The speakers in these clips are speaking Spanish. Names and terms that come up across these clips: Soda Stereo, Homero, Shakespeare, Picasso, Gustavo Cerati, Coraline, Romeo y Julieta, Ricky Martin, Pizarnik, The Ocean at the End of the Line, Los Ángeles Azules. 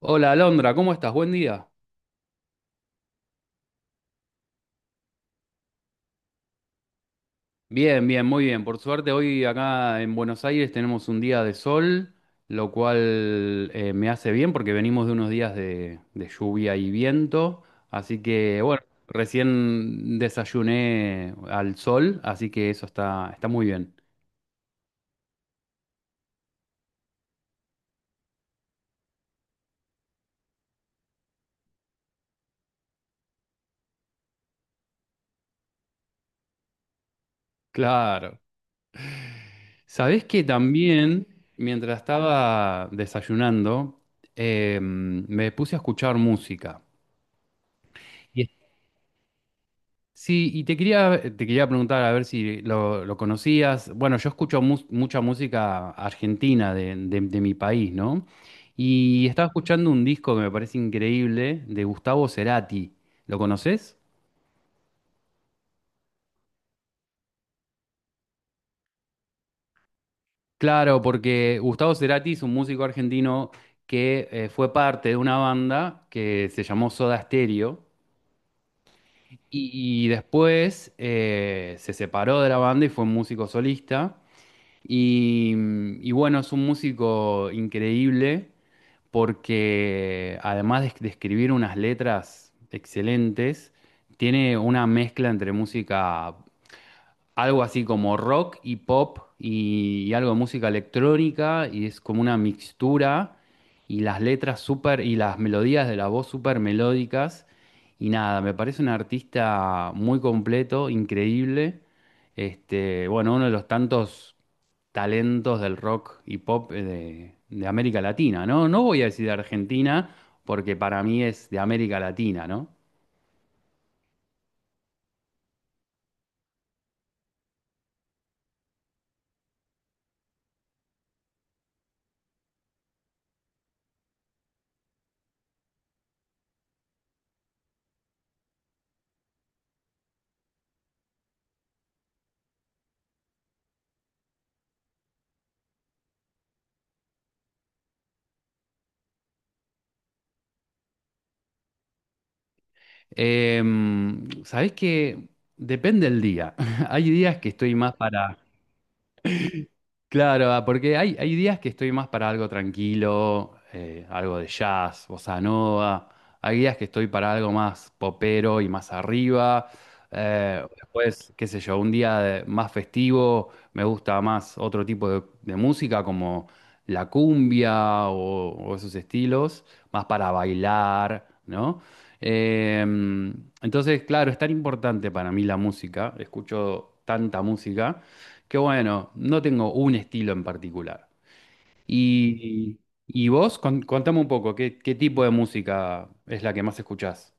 Hola Alondra, ¿cómo estás? Buen día. Bien, bien, muy bien. Por suerte hoy acá en Buenos Aires tenemos un día de sol, lo cual me hace bien porque venimos de unos días de lluvia y viento. Así que bueno, recién desayuné al sol, así que eso está, está muy bien. Claro. ¿Sabés que también, mientras estaba desayunando, me puse a escuchar música? Sí, y te quería preguntar a ver si lo conocías. Bueno, yo escucho mucha música argentina de, de mi país, ¿no? Y estaba escuchando un disco que me parece increíble de Gustavo Cerati. ¿Lo conoces? Claro, porque Gustavo Cerati es un músico argentino que fue parte de una banda que se llamó Soda Stereo y después se separó de la banda y fue un músico solista. Y bueno, es un músico increíble porque además de escribir unas letras excelentes, tiene una mezcla entre música algo así como rock y pop y algo de música electrónica y es como una mixtura y las letras súper y las melodías de la voz súper melódicas y nada, me parece un artista muy completo, increíble. Este, bueno, uno de los tantos talentos del rock y pop de América Latina, ¿no? No voy a decir de Argentina porque para mí es de América Latina, ¿no? Sabés que depende del día. Hay días que estoy más para, claro, porque hay días que estoy más para algo tranquilo, algo de jazz, bossa nova. Hay días que estoy para algo más popero y más arriba. Después, qué sé yo, un día más festivo, me gusta más otro tipo de música como la cumbia o esos estilos, más para bailar, ¿no? Em, entonces, claro, es tan importante para mí la música, escucho tanta música. Qué bueno, no tengo un estilo en particular. ¿Y, y vos? Contame un poco, ¿qué, qué tipo de música es la que más escuchás?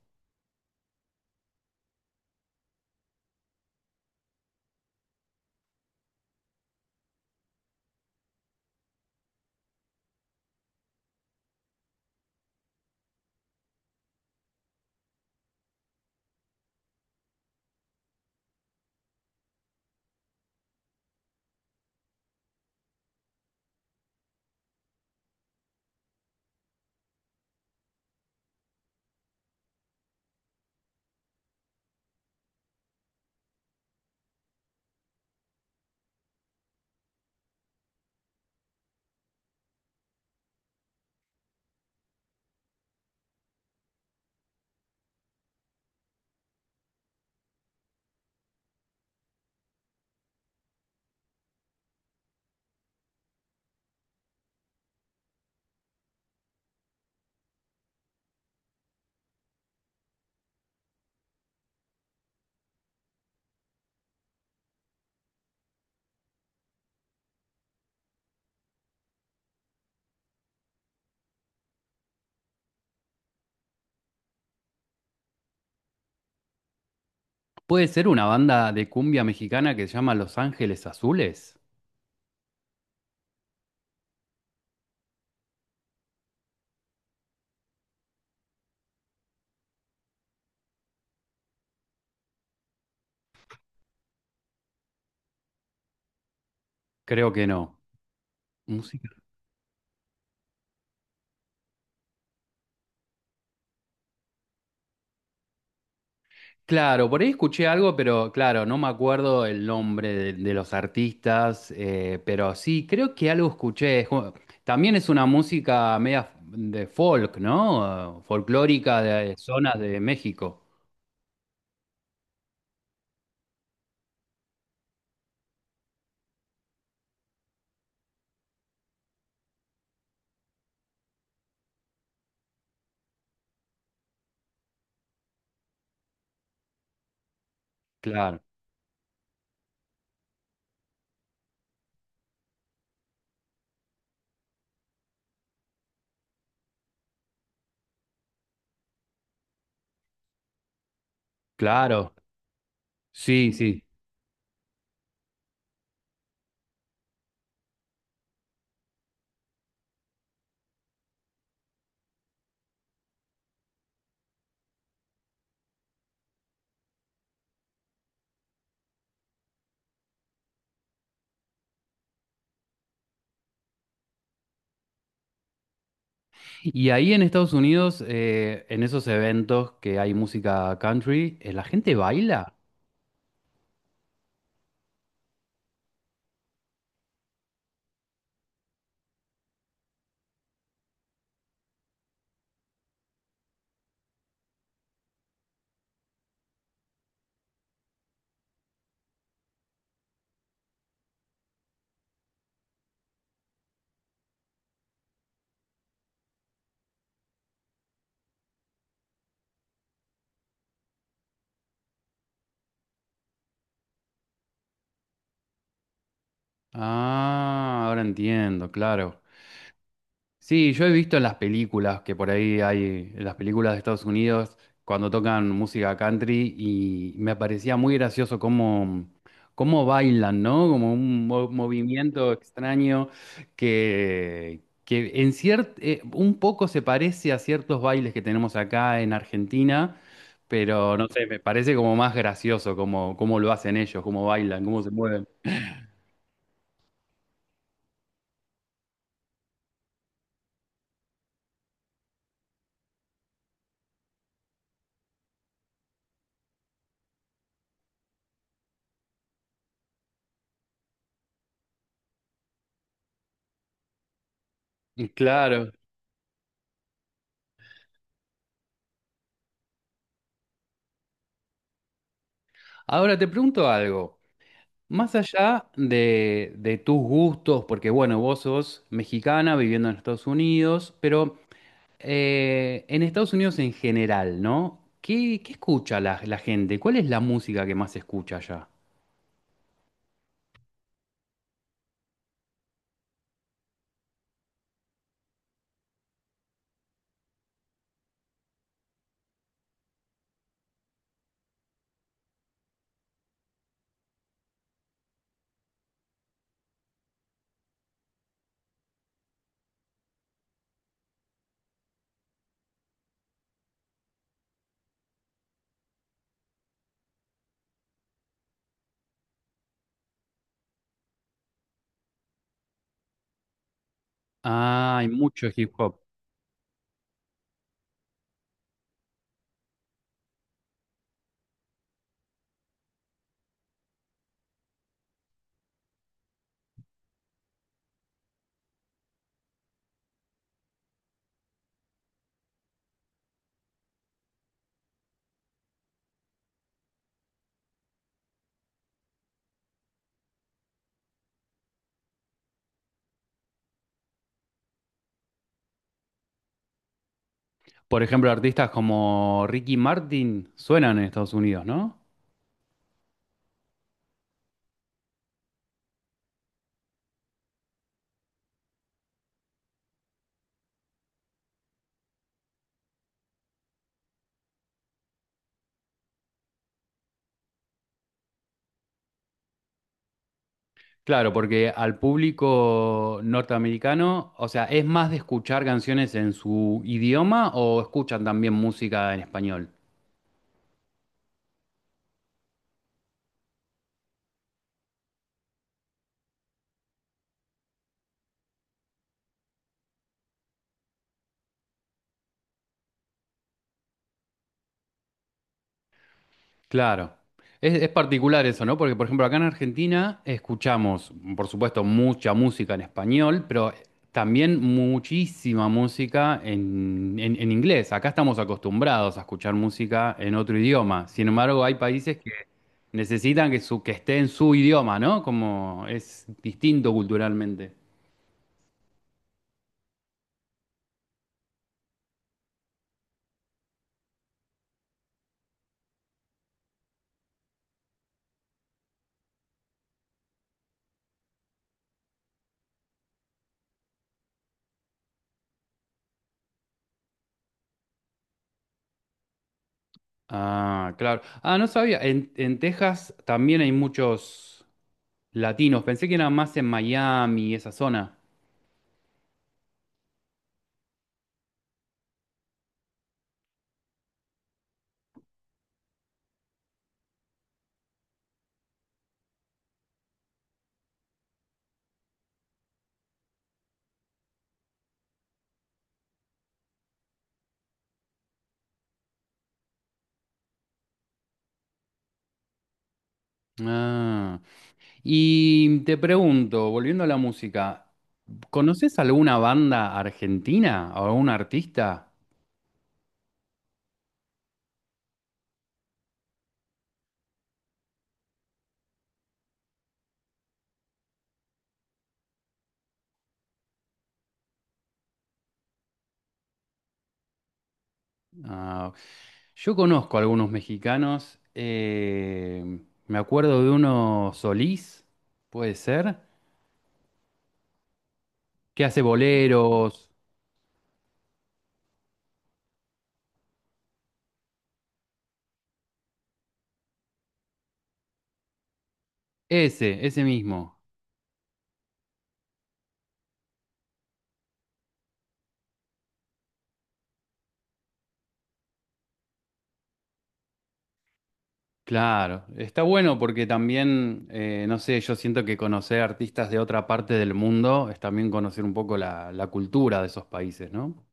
¿Puede ser una banda de cumbia mexicana que se llama Los Ángeles Azules? Creo que no. Música. Claro, por ahí escuché algo, pero claro, no me acuerdo el nombre de los artistas, pero sí, creo que algo escuché. Es como... También es una música media de folk, ¿no? Folclórica de zonas de México. Claro. Claro, sí, sí. ¿Y ahí en Estados Unidos, en esos eventos que hay música country, la gente baila? Ah, ahora entiendo, claro. Sí, yo he visto en las películas que por ahí hay, en las películas de Estados Unidos, cuando tocan música country, y me parecía muy gracioso cómo, cómo bailan, ¿no? Como un movimiento extraño que en un poco se parece a ciertos bailes que tenemos acá en Argentina, pero no sé, me parece como más gracioso cómo, cómo lo hacen ellos, cómo bailan, cómo se mueven. Claro. Ahora te pregunto algo. Más allá de tus gustos, porque bueno, vos sos mexicana viviendo en Estados Unidos, pero en Estados Unidos en general, ¿no? ¿Qué, qué escucha la, la gente? ¿Cuál es la música que más se escucha allá? Ah, hay mucho hip hop. Por ejemplo, ¿artistas como Ricky Martin suenan en Estados Unidos, no? Claro, porque al público norteamericano, o sea, ¿es más de escuchar canciones en su idioma o escuchan también música en español? Claro. Es particular eso, ¿no? Porque, por ejemplo, acá en Argentina escuchamos, por supuesto, mucha música en español, pero también muchísima música en, en inglés. Acá estamos acostumbrados a escuchar música en otro idioma. Sin embargo, hay países que necesitan que, su, que esté en su idioma, ¿no? Como es distinto culturalmente. Ah, claro. Ah, no sabía. En Texas también hay muchos latinos. Pensé que era más en Miami, esa zona. Ah, y te pregunto, volviendo a la música, ¿conoces alguna banda argentina o algún artista? Ah, yo conozco algunos mexicanos. Me acuerdo de uno Solís, puede ser, que hace boleros. Ese mismo. Claro, está bueno porque también, no sé, yo siento que conocer artistas de otra parte del mundo es también conocer un poco la, la cultura de esos países, ¿no?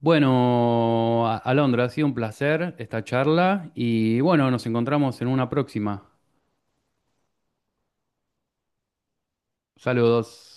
Bueno, Alondra, ha sido un placer esta charla y bueno, nos encontramos en una próxima. Saludos.